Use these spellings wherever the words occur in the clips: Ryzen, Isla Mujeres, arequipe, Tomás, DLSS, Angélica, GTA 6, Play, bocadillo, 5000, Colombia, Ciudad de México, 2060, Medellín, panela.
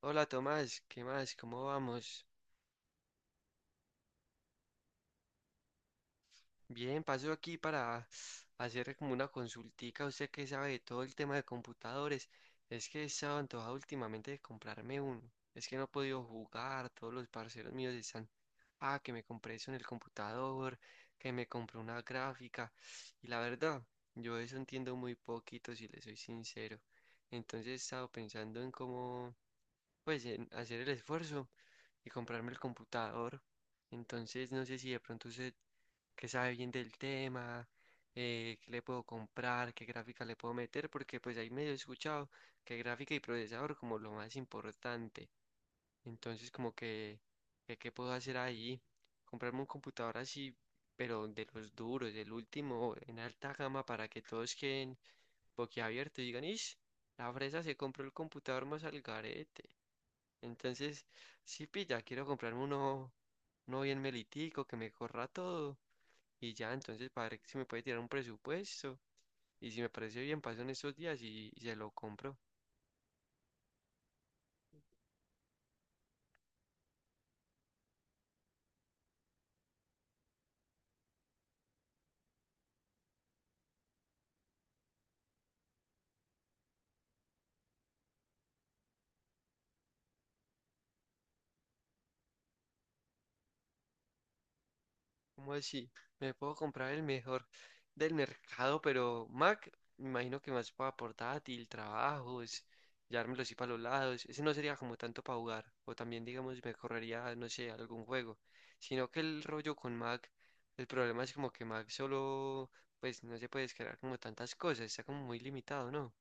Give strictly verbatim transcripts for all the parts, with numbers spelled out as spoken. Hola Tomás, ¿qué más? ¿Cómo vamos? Bien, paso aquí para hacer como una consultica. Usted que sabe de todo el tema de computadores, es que he estado antojado últimamente de comprarme uno. Es que no he podido jugar, todos los parceros míos están, ah, que me compré eso en el computador, que me compré una gráfica. Y la verdad, yo de eso entiendo muy poquito, si le soy sincero. Entonces he estado pensando en cómo pues en hacer el esfuerzo y comprarme el computador. Entonces, no sé si de pronto usted que sabe bien del tema, eh, qué le puedo comprar, qué gráfica le puedo meter, porque pues ahí medio he escuchado que gráfica y procesador como lo más importante. Entonces, como que, que qué puedo hacer ahí, comprarme un computador así, pero de los duros, el último, en alta gama, para que todos queden boquiabiertos y digan, ish, la fresa se compró el computador más al garete. Entonces, sí, pilla, quiero comprarme uno, uno bien melitico, que me corra todo. Y ya, entonces, para ver si me puede tirar un presupuesto. Y si me parece bien, paso en estos días y, y se lo compro. ¿Cómo así? Me puedo comprar el mejor del mercado, pero Mac, me imagino que más para portátil, trabajos, llevármelo así para los lados. Ese no sería como tanto para jugar. O también, digamos, me correría, no sé, algún juego. Sino que el rollo con Mac, el problema es como que Mac solo, pues no se puede descargar como tantas cosas. Está como muy limitado, ¿no?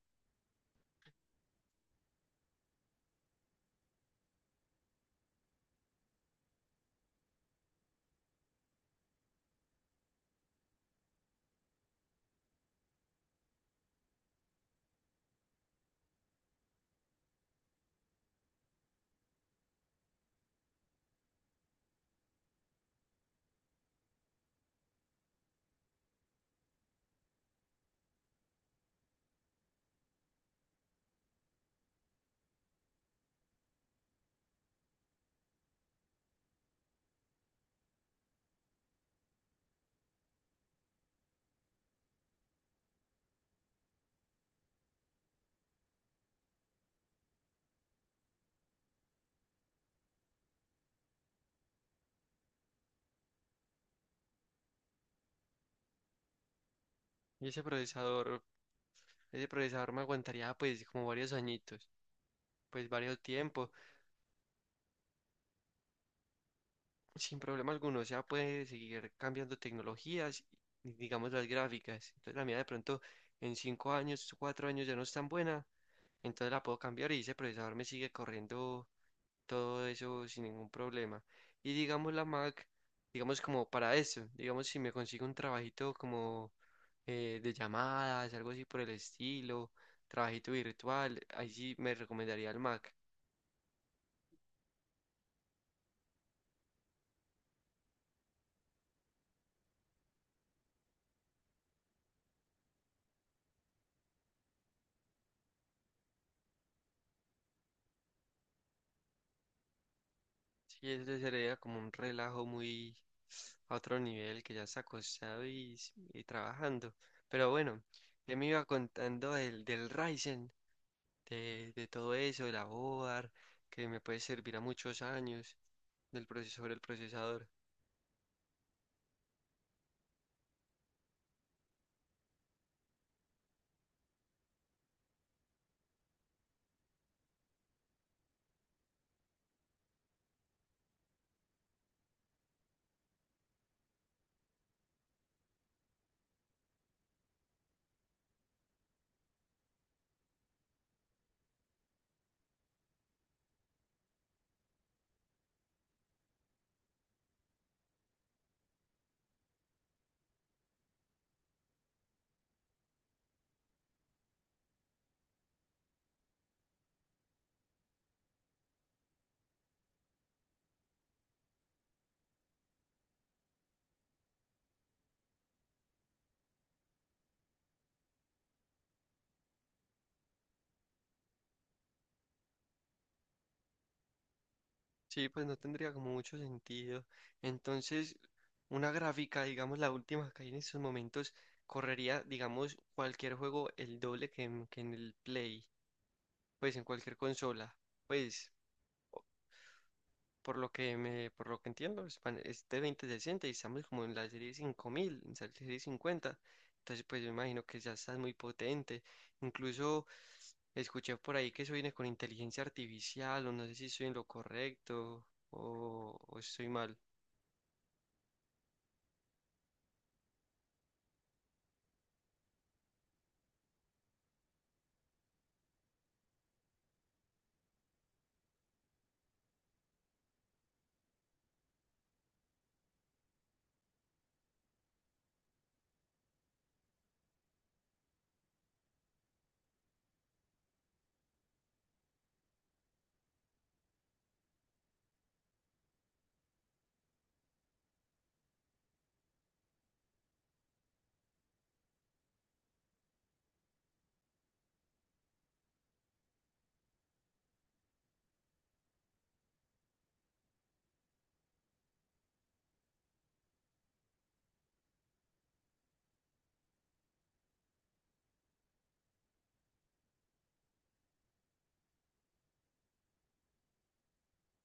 Y ese procesador, ese procesador me aguantaría pues como varios añitos, pues varios tiempos. Sin problema alguno, o sea, puede seguir cambiando tecnologías, y, digamos las gráficas. Entonces la mía de pronto en cinco años, cuatro años ya no es tan buena, entonces la puedo cambiar y ese procesador me sigue corriendo todo eso sin ningún problema. Y digamos la Mac, digamos como para eso, digamos si me consigo un trabajito como eh, de llamadas, algo así por el estilo, trabajito virtual, ahí sí me recomendaría el Mac. Sí, eso sería como un relajo muy a otro nivel que ya está acostado y, y trabajando. Pero bueno, ya me iba contando del, del Ryzen, de, de todo eso, de la board, que me puede servir a muchos años, del procesador el procesador. Sí, pues no tendría como mucho sentido. Entonces, una gráfica, digamos la última que hay en estos momentos, correría, digamos, cualquier juego el doble que en, que en el Play, pues en cualquier consola. Pues. Por lo que me, por lo que entiendo, es, pan- es de veinte sesenta y estamos como en la serie cinco mil, en la serie cincuenta. Entonces, pues yo imagino que ya estás muy potente. Incluso escuché por ahí que eso viene con inteligencia artificial, o no sé si estoy en lo correcto o, o estoy mal.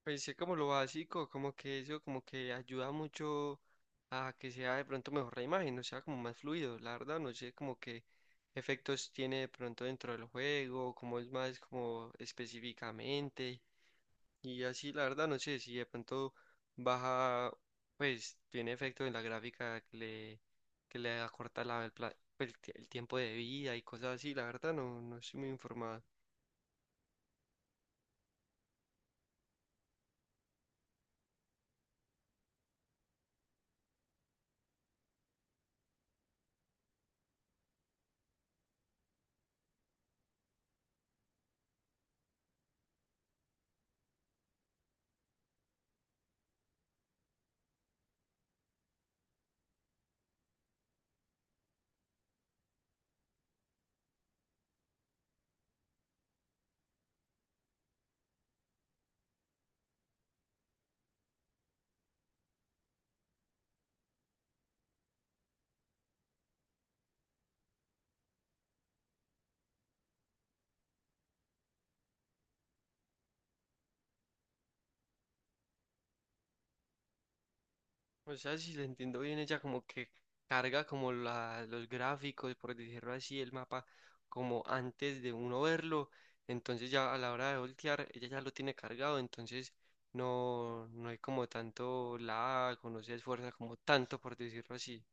Pues sí, como lo básico, como que eso, como que ayuda mucho a que sea de pronto mejor la imagen, o sea, como más fluido, la verdad, no sé como qué efectos tiene de pronto dentro del juego, como es más como específicamente, y así, la verdad, no sé si de pronto baja, pues tiene efecto en la gráfica que le, que le acorta la, el, pla- el tie- el tiempo de vida y cosas así, la verdad, no, no estoy muy informado. O sea, si la entiendo bien, ella como que carga como la, los gráficos, por decirlo así, el mapa como antes de uno verlo. Entonces ya a la hora de voltear, ella ya lo tiene cargado, entonces no, no hay como tanto lag o no se esfuerza como tanto, por decirlo así.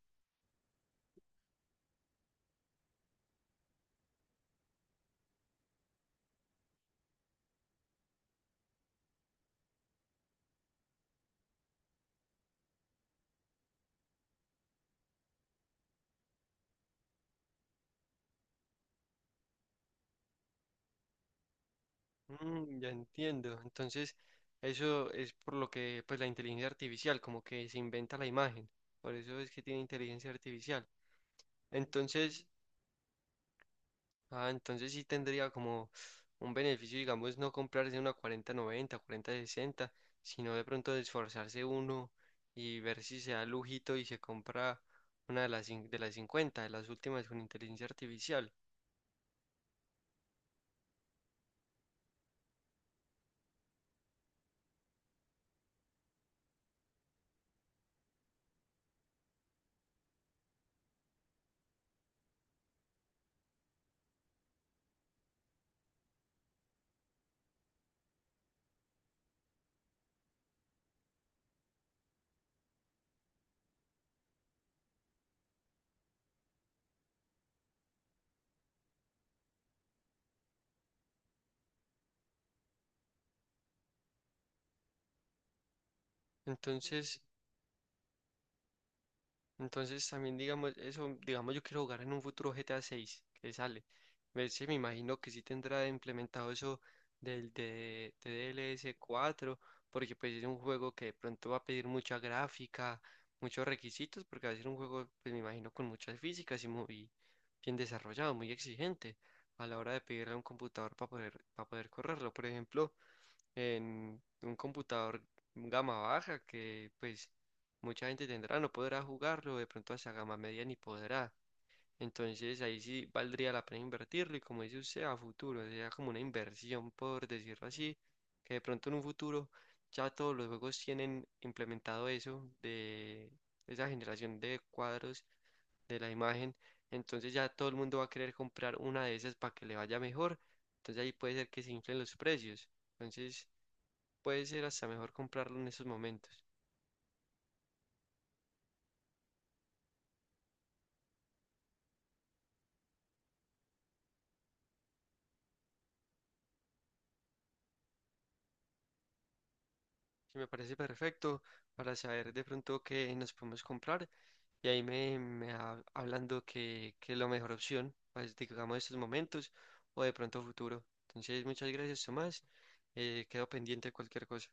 Mm, ya entiendo. Entonces, eso es por lo que pues la inteligencia artificial, como que se inventa la imagen. Por eso es que tiene inteligencia artificial. Entonces, ah, entonces sí tendría como un beneficio, digamos, no comprarse una cuarenta noventa, cuarenta sesenta, sino de pronto de esforzarse uno y ver si se da lujito y se compra una de las, cin- de las cincuenta, de las últimas con inteligencia artificial. Entonces Entonces también digamos eso, digamos yo quiero jugar en un futuro G T A seis que sale. Me, sí, me imagino que sí tendrá implementado eso del de, D L S cuatro porque pues es un juego que de pronto va a pedir mucha gráfica, muchos requisitos, porque va a ser un juego, pues me imagino, con muchas físicas y muy bien desarrollado, muy exigente a la hora de pedirle a un computador para poder, para poder correrlo. Por ejemplo, en un computador gama baja que pues mucha gente tendrá, no podrá jugarlo, de pronto hacia gama media ni podrá. Entonces ahí sí valdría la pena invertirlo y como dice usted, a futuro, sería como una inversión, por decirlo así, que de pronto en un futuro ya todos los juegos tienen implementado eso de esa generación de cuadros de la imagen, entonces ya todo el mundo va a querer comprar una de esas para que le vaya mejor, entonces ahí puede ser que se inflen los precios. Entonces, puede ser hasta mejor comprarlo en esos momentos. Sí, me parece perfecto para saber de pronto qué nos podemos comprar y ahí me, me ha- hablando que, que es la mejor opción, pues, digamos, estos momentos o de pronto futuro. Entonces, muchas gracias, Tomás. Eh, quedo pendiente de cualquier cosa.